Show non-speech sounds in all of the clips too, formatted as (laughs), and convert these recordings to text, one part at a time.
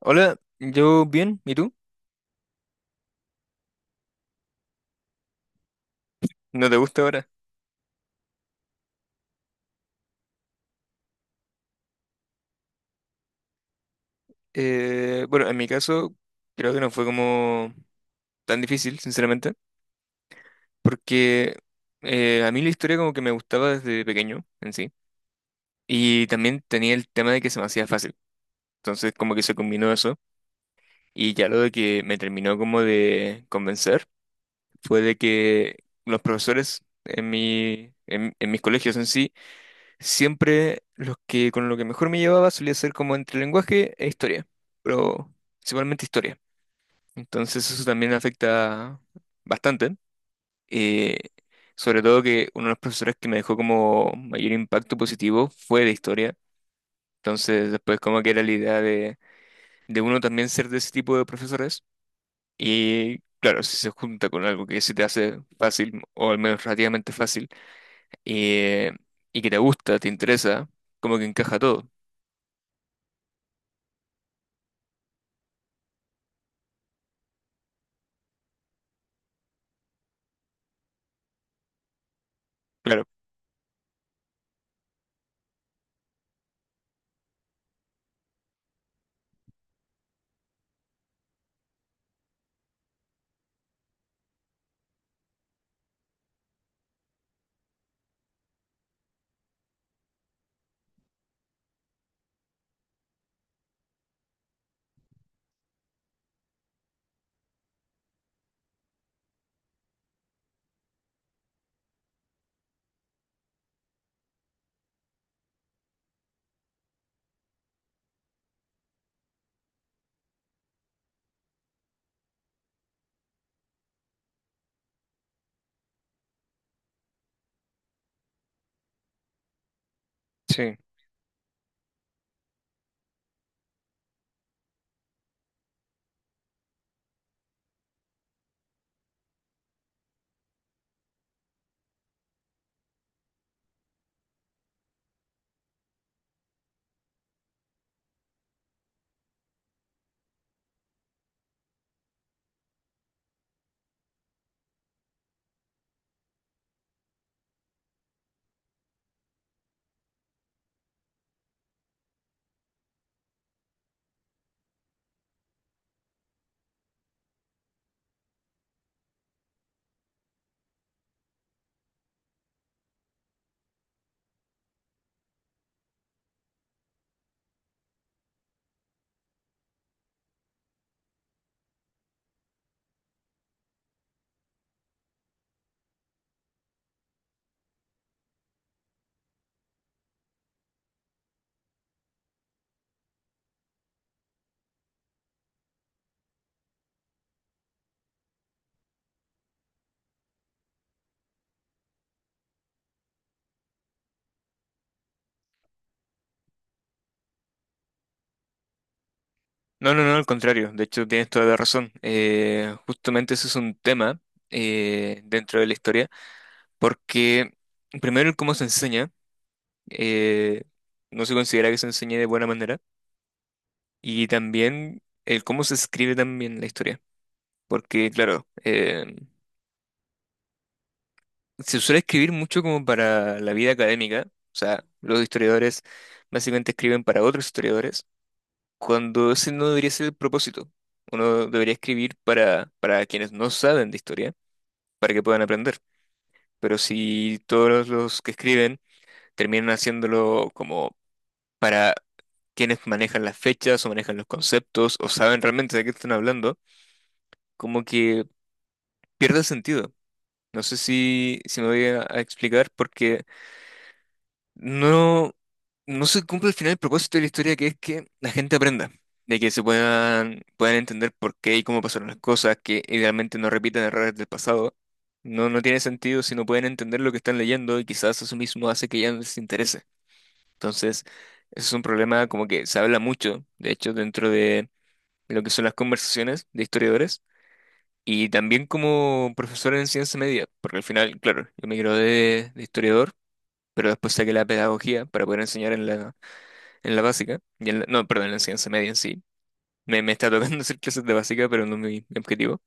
Hola, yo bien, ¿y tú? ¿No te gusta ahora? Bueno, en mi caso creo que no fue como tan difícil, sinceramente, porque a mí la historia como que me gustaba desde pequeño en sí, y también tenía el tema de que se me hacía fácil, entonces como que se combinó eso, y ya lo de que me terminó como de convencer fue de que los profesores en mi, en mis colegios en sí. Siempre los que con lo que mejor me llevaba solía ser como entre lenguaje e historia, pero principalmente historia. Entonces eso también afecta bastante. eh, sobre todo que uno de los profesores que me dejó como mayor impacto positivo fue de historia. Entonces después como que era la idea de uno también ser de ese tipo de profesores. Y claro, si se junta con algo que se te hace fácil, o al menos relativamente fácil, eh, y que te gusta, te interesa, como que encaja todo. Claro. Sí. No, no, no, al contrario. De hecho, tienes toda la razón. Justamente eso es un tema dentro de la historia, porque primero el cómo se enseña, eh, no se considera que se enseñe de buena manera, y también el cómo se escribe también la historia, porque claro, se suele escribir mucho como para la vida académica, o sea, los historiadores básicamente escriben para otros historiadores, cuando ese no debería ser el propósito. Uno debería escribir para quienes no saben de historia para que puedan aprender. Pero si todos los que escriben terminan haciéndolo como para quienes manejan las fechas o manejan los conceptos o saben realmente de qué están hablando, como que pierde el sentido. No sé si me voy a explicar porque. No, no se cumple al final el propósito de la historia, que es que la gente aprenda, de que se puedan entender por qué y cómo pasaron las cosas, que idealmente no repitan errores del pasado. No, no tiene sentido si no pueden entender lo que están leyendo y quizás eso mismo hace que ya no les interese. Entonces, ese es un problema como que se habla mucho, de hecho, dentro de lo que son las conversaciones de historiadores y también como profesor en ciencia media, porque al final, claro, yo me gradué de historiador, pero después saqué la pedagogía para poder enseñar en la básica, y no, perdón, en la enseñanza media en sí. Me está tocando (laughs) hacer clases de básica, pero no es mi objetivo.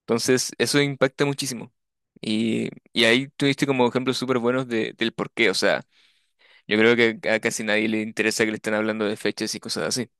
Entonces, eso impacta muchísimo. Y ahí tuviste como ejemplos súper buenos del por qué. O sea, yo creo que a casi nadie le interesa que le estén hablando de fechas y cosas así.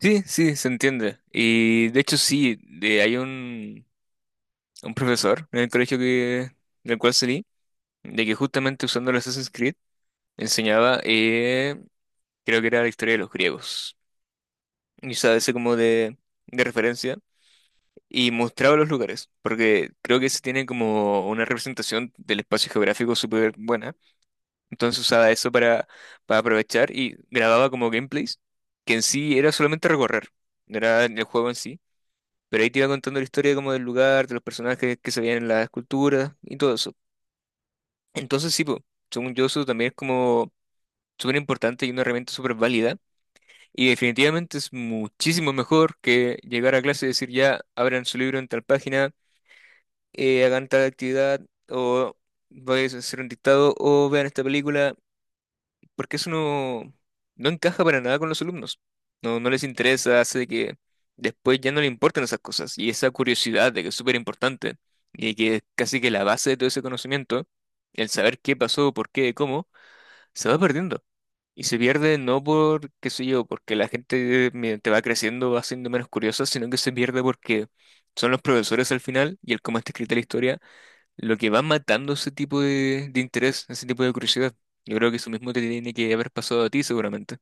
Sí, sí, se entiende. Y de hecho sí, hay un profesor en el colegio que, del cual salí, de que justamente usando el Assassin's Creed enseñaba, creo que era la historia de los griegos. Y usaba ese como de referencia y mostraba los lugares, porque creo que se tiene como una representación del espacio geográfico súper buena. Entonces usaba eso para aprovechar y grababa como gameplays, que en sí era solamente recorrer, no era el juego en sí, pero ahí te iba contando la historia como del lugar, de los personajes que se veían en las esculturas y todo eso. Entonces sí, po, según yo eso también es como súper importante y una herramienta súper válida. Y definitivamente es muchísimo mejor que llegar a clase y decir ya, abran su libro en tal página, hagan tal actividad, o vayan a hacer un dictado, o vean esta película, porque eso no, no encaja para nada con los alumnos. No, no les interesa, hace que después ya no le importan esas cosas. Y esa curiosidad de que es súper importante, y que es casi que la base de todo ese conocimiento, el saber qué pasó, por qué, cómo, se va perdiendo. Y se pierde no por, qué sé yo, porque la gente mediante va creciendo va siendo menos curiosa, sino que se pierde porque son los profesores al final y el cómo está escrita la historia lo que va matando ese tipo de interés, ese tipo de curiosidad. Yo creo que eso mismo te tiene que haber pasado a ti seguramente.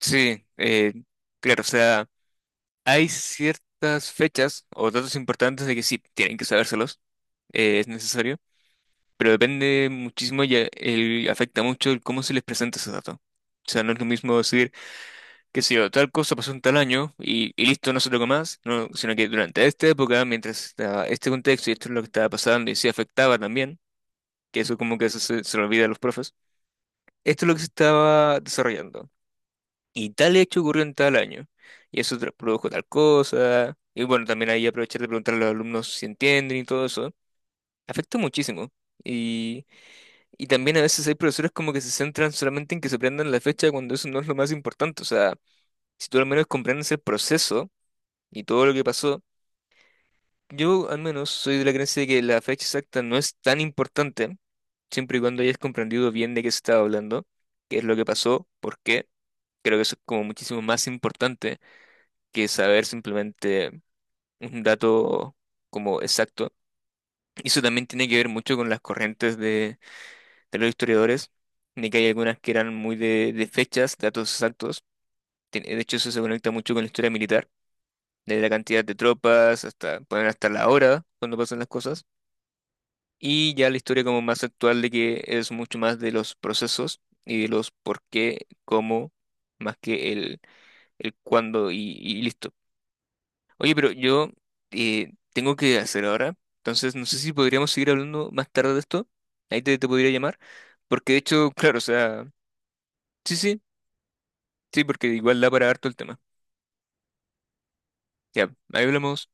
Sí, claro, o sea, hay ciertas fechas o datos importantes de que sí, tienen que sabérselos, es necesario, pero depende muchísimo y afecta mucho el cómo se les presenta ese dato. O sea, no es lo mismo decir qué sé yo, tal cosa pasó en tal año y listo, no se toca más, no, sino que durante esta época, mientras estaba este contexto y esto es lo que estaba pasando y se afectaba también, que eso como que se lo olvida a los profes, esto es lo que se estaba desarrollando. Y tal hecho ocurrió en tal año, y eso produjo tal cosa, y bueno, también ahí aprovechar de preguntar a los alumnos si entienden y todo eso, afecta muchísimo. Y, y también a veces hay profesores como que se centran solamente en que se aprendan la fecha cuando eso no es lo más importante, o sea, si tú al menos comprendes el proceso, y todo lo que pasó, yo al menos soy de la creencia de que la fecha exacta no es tan importante, siempre y cuando hayas comprendido bien de qué se estaba hablando, qué es lo que pasó, por qué. Creo que eso es como muchísimo más importante que saber simplemente un dato como exacto. Y eso también tiene que ver mucho con las corrientes de los historiadores, de que hay algunas que eran muy de fechas, datos exactos. De hecho, eso se conecta mucho con la historia militar, desde la cantidad de tropas hasta, pueden hasta la hora cuando pasan las cosas. Y ya la historia como más actual de que es mucho más de los procesos y de los por qué, cómo, más que el cuándo y listo. Oye, pero yo tengo que hacer ahora, entonces no sé si podríamos seguir hablando más tarde de esto. Ahí te podría llamar, porque de hecho, claro, o sea, sí, sí, sí, porque igual da para harto el tema. Ya, ahí hablamos.